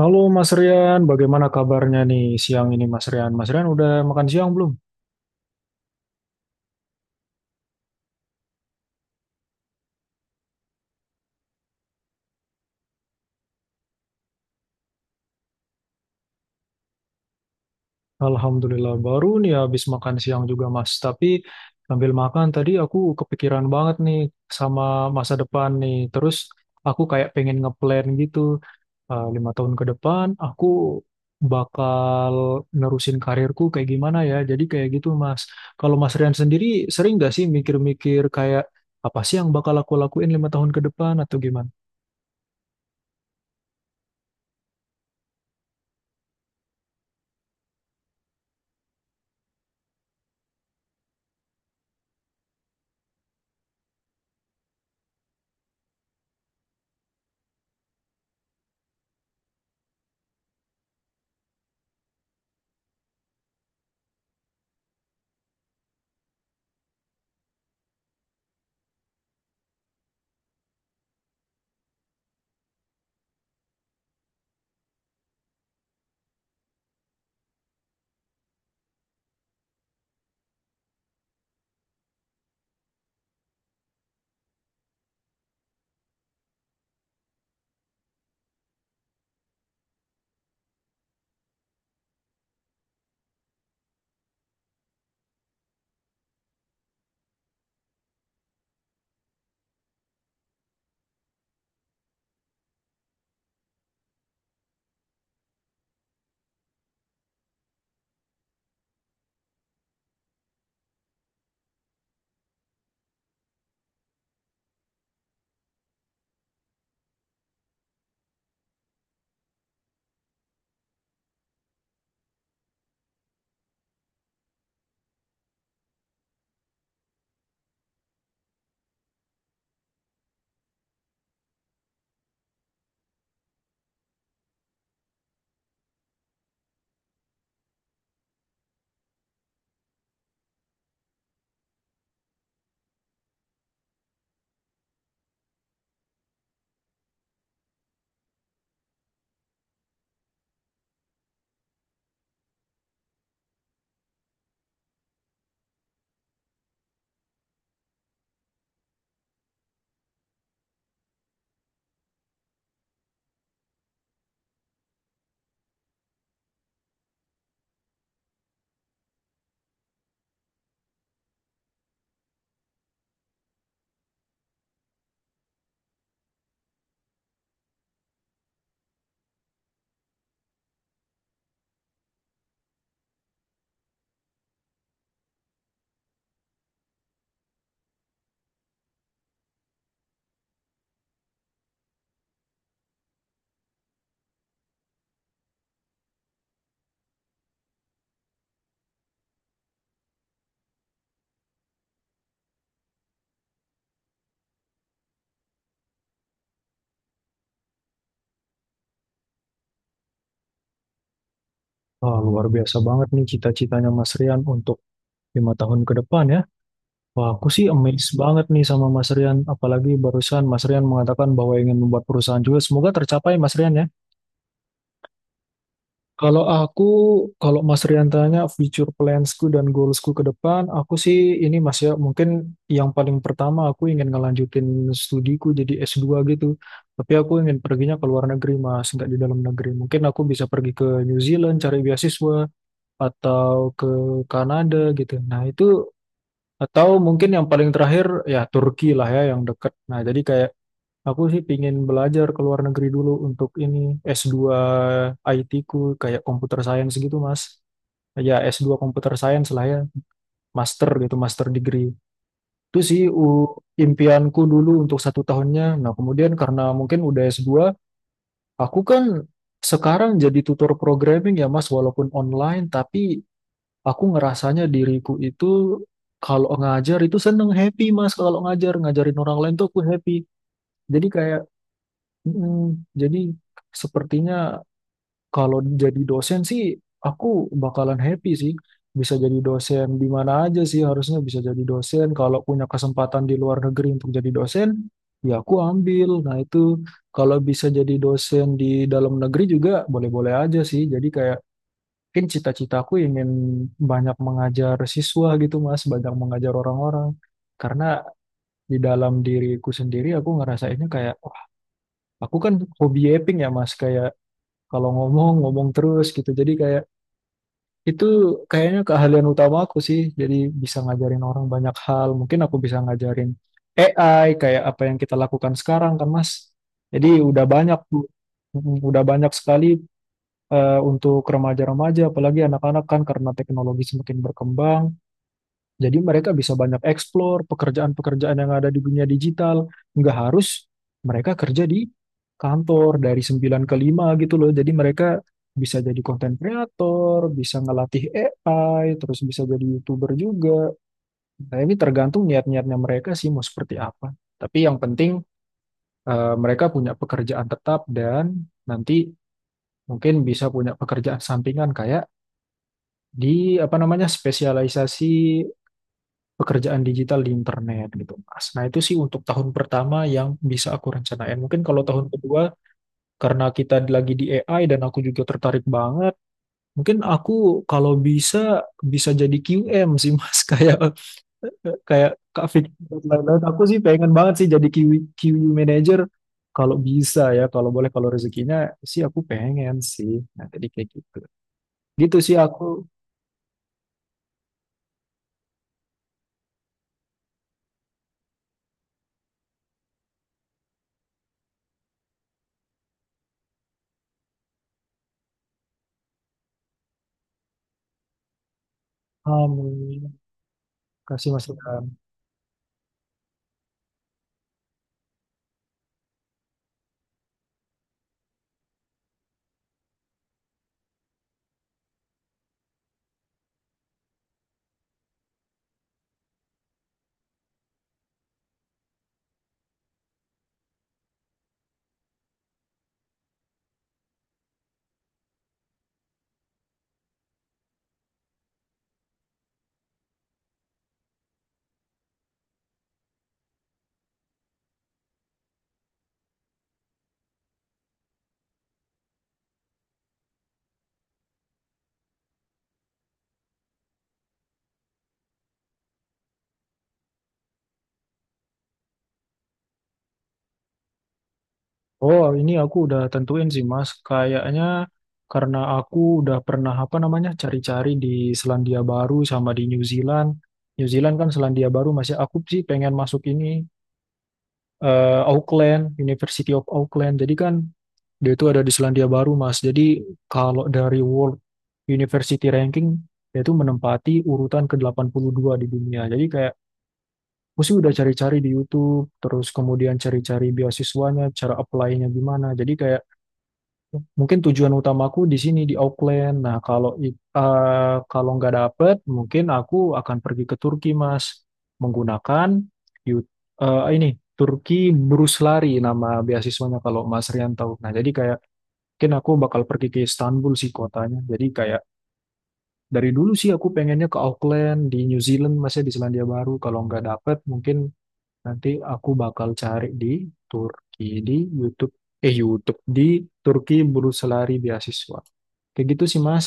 Halo Mas Rian, bagaimana kabarnya nih siang ini Mas Rian? Mas Rian udah makan siang belum? Alhamdulillah baru nih habis makan siang juga Mas. Tapi sambil makan tadi aku kepikiran banget nih sama masa depan nih. Terus aku kayak pengen ngeplan gitu 5 tahun ke depan aku bakal nerusin karirku kayak gimana ya. Jadi kayak gitu Mas. Kalau Mas Rian sendiri sering gak sih mikir-mikir kayak apa sih yang bakal aku lakuin 5 tahun ke depan atau gimana? Wah, luar biasa banget nih cita-citanya Mas Rian untuk 5 tahun ke depan ya. Wah, aku sih amazed banget nih sama Mas Rian. Apalagi barusan Mas Rian mengatakan bahwa ingin membuat perusahaan juga. Semoga tercapai Mas Rian ya. Kalau aku, kalau Mas Rian tanya future plansku dan goalsku ke depan, aku sih ini Mas ya, mungkin yang paling pertama aku ingin ngelanjutin studiku jadi S2 gitu. Tapi aku ingin perginya ke luar negeri Mas, nggak di dalam negeri. Mungkin aku bisa pergi ke New Zealand cari beasiswa atau ke Kanada gitu. Nah, itu atau mungkin yang paling terakhir ya Turki lah ya yang deket. Nah, jadi kayak aku sih pingin belajar ke luar negeri dulu untuk ini S2 IT ku kayak computer science gitu, Mas. Ya S2 computer science lah ya, master gitu, master degree. Itu sih impianku dulu untuk satu tahunnya. Nah, kemudian karena mungkin udah S2, aku kan sekarang jadi tutor programming ya Mas, walaupun online, tapi aku ngerasanya diriku itu kalau ngajar itu seneng happy Mas, kalau ngajar ngajarin orang lain tuh aku happy. Jadi kayak mm, jadi sepertinya kalau jadi dosen sih aku bakalan happy sih, bisa jadi dosen di mana aja sih, harusnya bisa jadi dosen. Kalau punya kesempatan di luar negeri untuk jadi dosen, ya aku ambil. Nah itu, kalau bisa jadi dosen di dalam negeri juga boleh-boleh aja sih. Jadi kayak mungkin cita-citaku ingin banyak mengajar siswa gitu Mas, banyak mengajar orang-orang. Karena di dalam diriku sendiri aku ngerasainnya kayak, wah, aku kan hobi yaping ya Mas, kayak kalau ngomong, ngomong terus gitu. Jadi kayak itu kayaknya keahlian utama aku sih. Jadi bisa ngajarin orang banyak hal. Mungkin aku bisa ngajarin AI kayak apa yang kita lakukan sekarang kan Mas. Jadi udah banyak tuh. Udah banyak sekali untuk remaja-remaja, apalagi anak-anak kan karena teknologi semakin berkembang, jadi mereka bisa banyak eksplor pekerjaan-pekerjaan yang ada di dunia digital. Nggak harus mereka kerja di kantor dari 9 ke 5 gitu loh. Jadi mereka bisa jadi konten kreator, bisa ngelatih AI, terus bisa jadi YouTuber juga. Nah, ini tergantung niat-niatnya mereka sih mau seperti apa. Tapi yang penting mereka punya pekerjaan tetap dan nanti mungkin bisa punya pekerjaan sampingan kayak di apa namanya spesialisasi pekerjaan digital di internet gitu Mas. Nah itu sih untuk tahun pertama yang bisa aku rencanain. Mungkin kalau tahun kedua karena kita lagi di AI dan aku juga tertarik banget, mungkin aku kalau bisa bisa jadi QM sih Mas kayak kayak Kak Vicky dan lain-lain. Aku sih pengen banget sih jadi QU manager kalau bisa ya, kalau boleh kalau rezekinya sih aku pengen sih. Nah, jadi kayak gitu. Gitu sih aku. Amin. Kasih Mas Ilham. Oh, ini aku udah tentuin sih, Mas. Kayaknya karena aku udah pernah apa namanya cari-cari di Selandia Baru sama di New Zealand. New Zealand kan Selandia Baru, masih aku sih pengen masuk ini Auckland, University of Auckland. Jadi kan dia itu ada di Selandia Baru, Mas. Jadi kalau dari World University Ranking dia itu menempati urutan ke-82 di dunia. Jadi kayak aku sih udah cari-cari di YouTube, terus kemudian cari-cari beasiswanya, cara apply-nya gimana. Jadi kayak mungkin tujuan utamaku di sini di Auckland. Nah, kalau kalau nggak dapet, mungkin aku akan pergi ke Turki, Mas, menggunakan yu- ini Turki Brus Lari nama beasiswanya kalau Mas Rian tahu. Nah, jadi kayak mungkin aku bakal pergi ke Istanbul sih kotanya. Jadi kayak dari dulu sih aku pengennya ke Auckland di New Zealand, masih di Selandia Baru. Kalau nggak dapet, mungkin nanti aku bakal cari di Turki di YouTube. YouTube di Turki Brus Lari beasiswa. Kayak gitu sih Mas.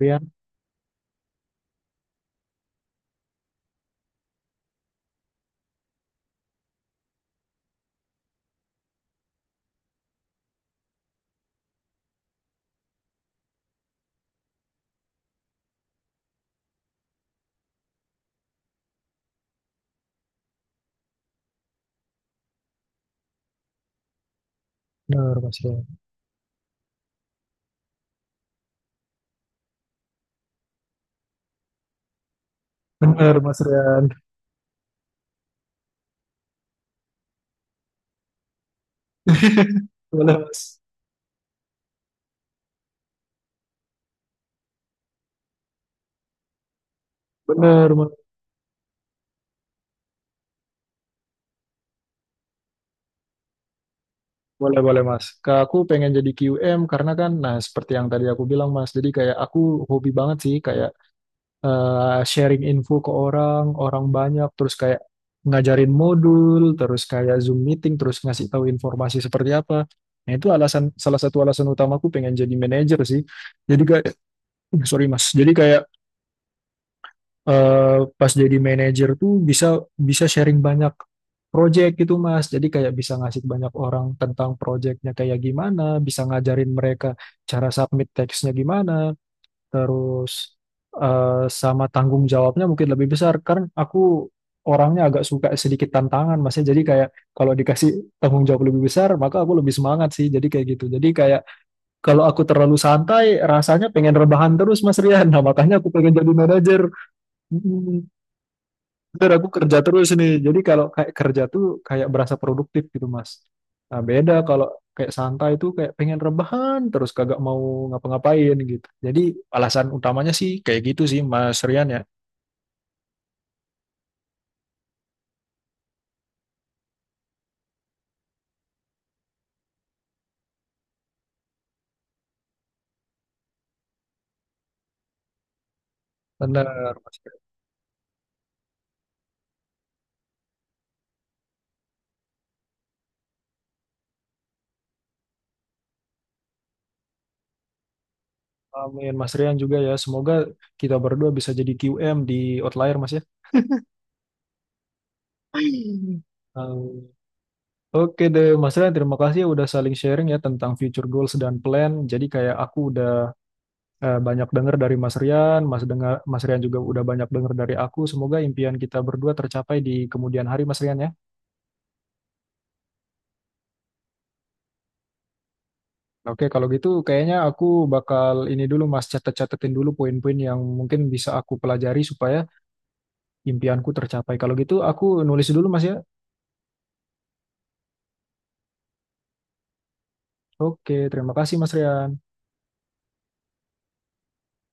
Rian. Benar, Mas Rian. Benar, Mas Rian. Boleh Mas. Benar, Mas. Boleh, boleh Mas. Ke aku pengen jadi QM karena kan, nah seperti yang tadi aku bilang Mas, jadi kayak aku hobi banget sih kayak sharing info ke orang, orang banyak, terus kayak ngajarin modul, terus kayak Zoom meeting, terus ngasih tahu informasi seperti apa. Nah itu alasan, salah satu alasan utamaku pengen jadi manajer sih. Jadi kayak, sorry Mas, jadi kayak pas jadi manajer tuh bisa bisa sharing banyak project gitu Mas. Jadi kayak bisa ngasih banyak orang tentang projectnya kayak gimana, bisa ngajarin mereka cara submit teksnya gimana, terus sama tanggung jawabnya mungkin lebih besar. Karena aku orangnya agak suka sedikit tantangan Mas, ya. Jadi kayak kalau dikasih tanggung jawab lebih besar, maka aku lebih semangat sih. Jadi kayak gitu. Jadi kayak kalau aku terlalu santai, rasanya pengen rebahan terus Mas Rian. Nah, makanya aku pengen jadi manajer. Bener, aku kerja terus nih. Jadi kalau kayak kerja tuh kayak berasa produktif gitu, Mas. Nah, beda kalau kayak santai tuh kayak pengen rebahan terus kagak mau ngapa-ngapain gitu. Jadi alasan utamanya sih kayak gitu sih, Mas Rian ya. Bener, Mas Rian. Amin, Mas Rian juga ya. Semoga kita berdua bisa jadi QM di Outlier, Mas ya. Um, Oke deh, Mas Rian, terima kasih ya udah saling sharing ya tentang future goals dan plan. Jadi kayak aku banyak dengar dari Mas Rian, Mas dengar Mas Rian juga udah banyak dengar dari aku. Semoga impian kita berdua tercapai di kemudian hari, Mas Rian ya. Oke, kalau gitu kayaknya aku bakal ini dulu Mas catet-catetin dulu poin-poin yang mungkin bisa aku pelajari supaya impianku tercapai. Kalau gitu aku nulis dulu Mas ya. Oke, terima kasih Mas Rian.